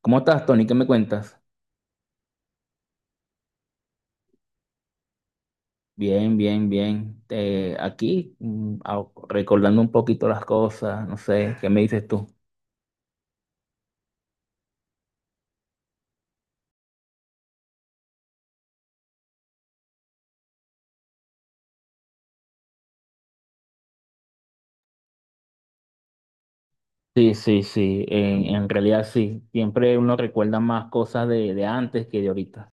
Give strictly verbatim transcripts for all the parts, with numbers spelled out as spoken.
¿Cómo estás, Tony? ¿Qué me cuentas? Bien, bien, bien. Eh, aquí mm, au- recordando un poquito las cosas, no sé, ¿qué me dices tú? Sí, sí, sí, en, en realidad sí. Siempre uno recuerda más cosas de, de antes que de ahorita.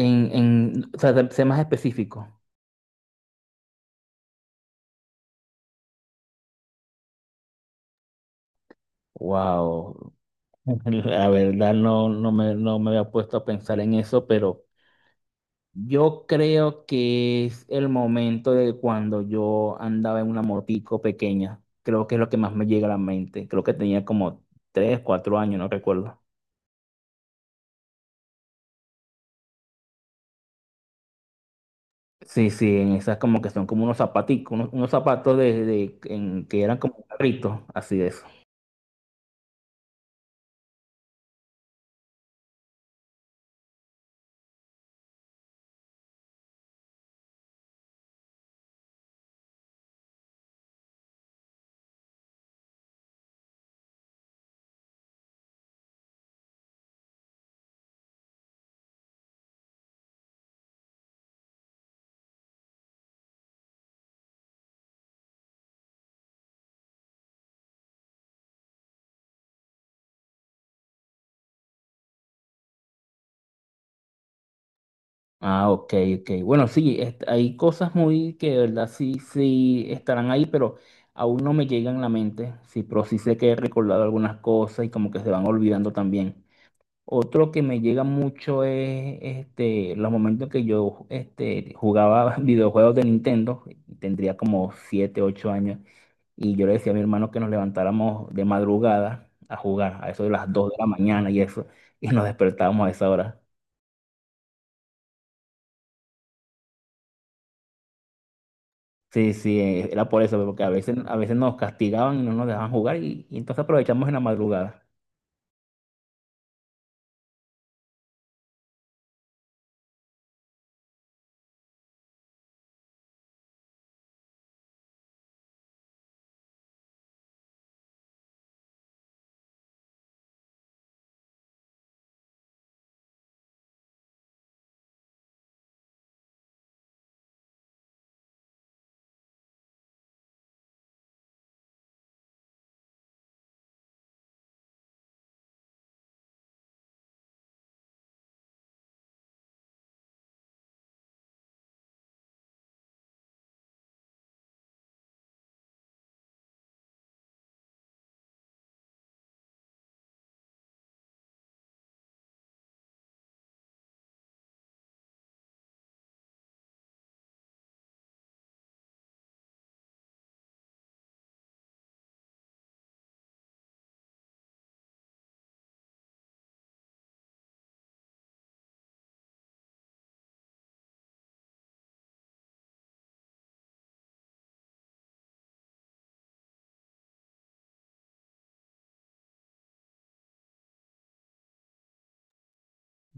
En, en, o sea, sé más específico. Wow. La verdad no, no me, no me había puesto a pensar en eso, pero... Yo creo que es el momento de cuando yo andaba en una motico pequeña. Creo que es lo que más me llega a la mente. Creo que tenía como tres, cuatro años, no recuerdo. Sí, sí, en esas como que son como unos zapaticos, unos, unos zapatos de, de- en- que eran como carritos, así de eso. Ah, ok, ok. Bueno, sí, est- hay cosas muy que de verdad sí, sí estarán ahí, pero aún no me llegan a la mente. Sí, pero sí sé que he recordado algunas cosas y como que se van olvidando también. Otro que me llega mucho es este, los momentos que yo este, jugaba videojuegos de Nintendo, tendría como siete ocho años, y yo le decía a mi hermano que nos levantáramos de madrugada a jugar, a eso de las dos de la mañana y eso, y nos despertábamos a esa hora. Sí, sí, eh, era por eso, porque a veces, a veces nos castigaban y no nos dejaban jugar, y, y entonces aprovechamos en la madrugada.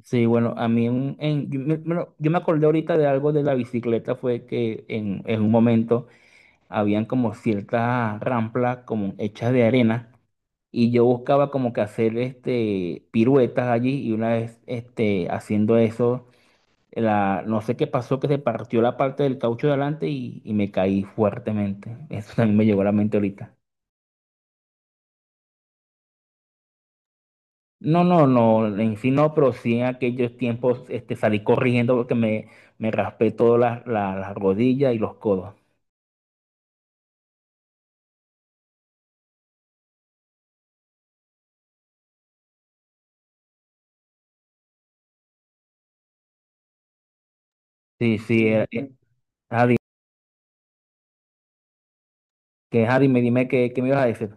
Sí, bueno, a mí un- en- yo, me, me yo me acordé ahorita de algo de la bicicleta, fue que en, en un momento habían como ciertas ramplas como hechas de arena y yo buscaba como que hacer este piruetas allí y una vez este haciendo eso la, no sé qué pasó que se partió la parte del caucho de adelante y, y me caí fuertemente. Eso también me llegó a la mente ahorita. No, no, no, en sí no, pero sí en aquellos tiempos este, salí corriendo porque me, me raspé todas las las- las rodillas y los codos. Sí, sí, eh, eh, Adi, que Adi, me dime qué, qué me ibas a decir.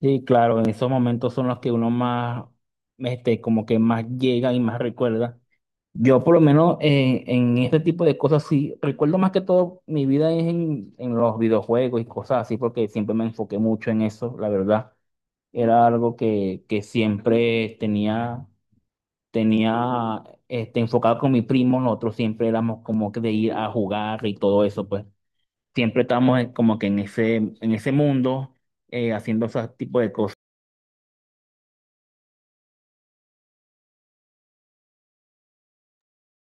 Sí, claro, en esos momentos son los que uno más, este, como que más llega y más recuerda. Yo por lo menos eh, en este tipo de cosas sí, recuerdo más que todo mi vida es en, en los videojuegos y cosas así, porque siempre me enfoqué mucho en eso, la verdad. Era algo que, que siempre tenía, tenía este, enfocado con mi primo, nosotros siempre éramos como que de ir a jugar y todo eso, pues siempre estábamos en- como que en ese, en ese mundo eh, haciendo ese tipo de cosas.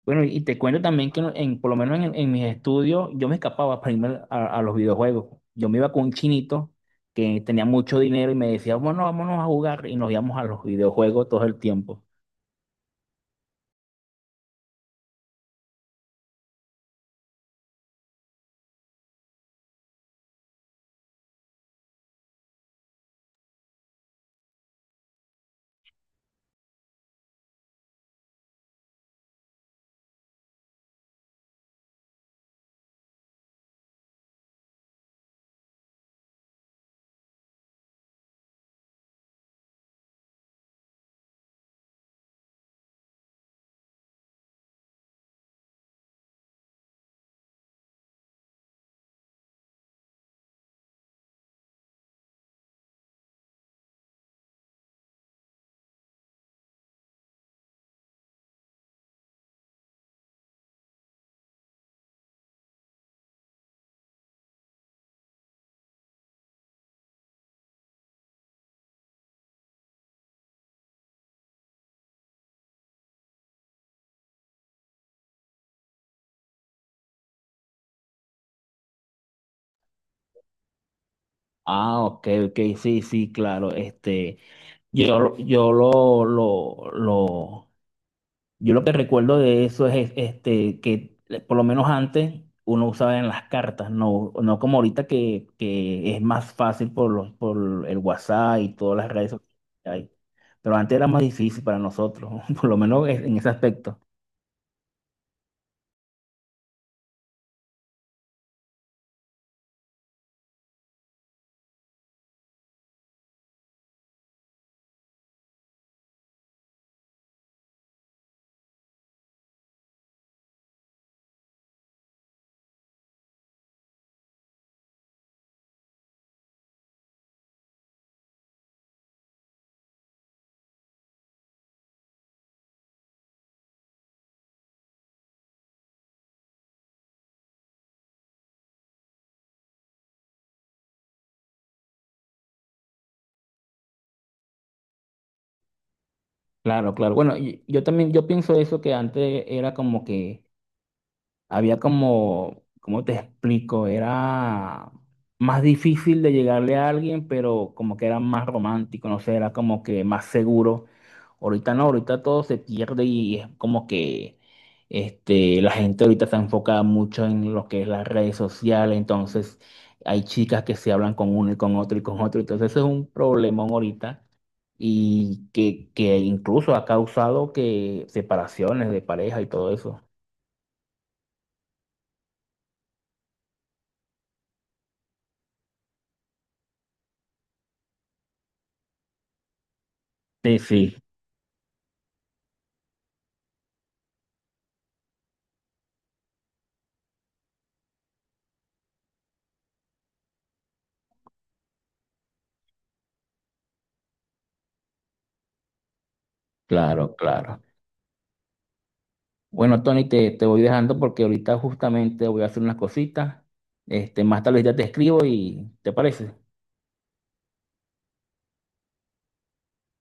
Bueno, y te cuento también que en, por lo menos en, en mis estudios yo me escapaba para irme a, a los videojuegos. Yo me iba con un chinito que tenía mucho dinero y me decía, bueno, vámonos a jugar y nos íbamos a los videojuegos todo el tiempo. Ah, ok, ok, sí, sí, claro. Este, yo, lo- yo lo, lo, lo, Yo lo que recuerdo de eso es este, que eh, por lo menos antes uno usaba en las cartas, no, no como ahorita que, que es más fácil por los, por el WhatsApp y todas las redes sociales que hay. Pero antes era más difícil para nosotros, por lo menos en en ese aspecto. Claro, claro. Bueno, y- yo también, yo pienso eso que antes era como que... había como, ¿cómo te explico? Era más difícil de llegarle a alguien, pero como que era más romántico, no sé, era como que más seguro. Ahorita no, ahorita todo se pierde y es como que este, la gente ahorita se enfoca mucho en lo que es las redes sociales, entonces hay chicas que se hablan con uno y con otro y con otro, entonces eso es un problemón ahorita y que, que incluso ha causado que separaciones de pareja y todo eso. Sí, sí. Claro, claro. Bueno, Tony, te, te voy dejando porque ahorita justamente voy a hacer unas cositas. Este, más tarde ya te escribo y ¿te parece?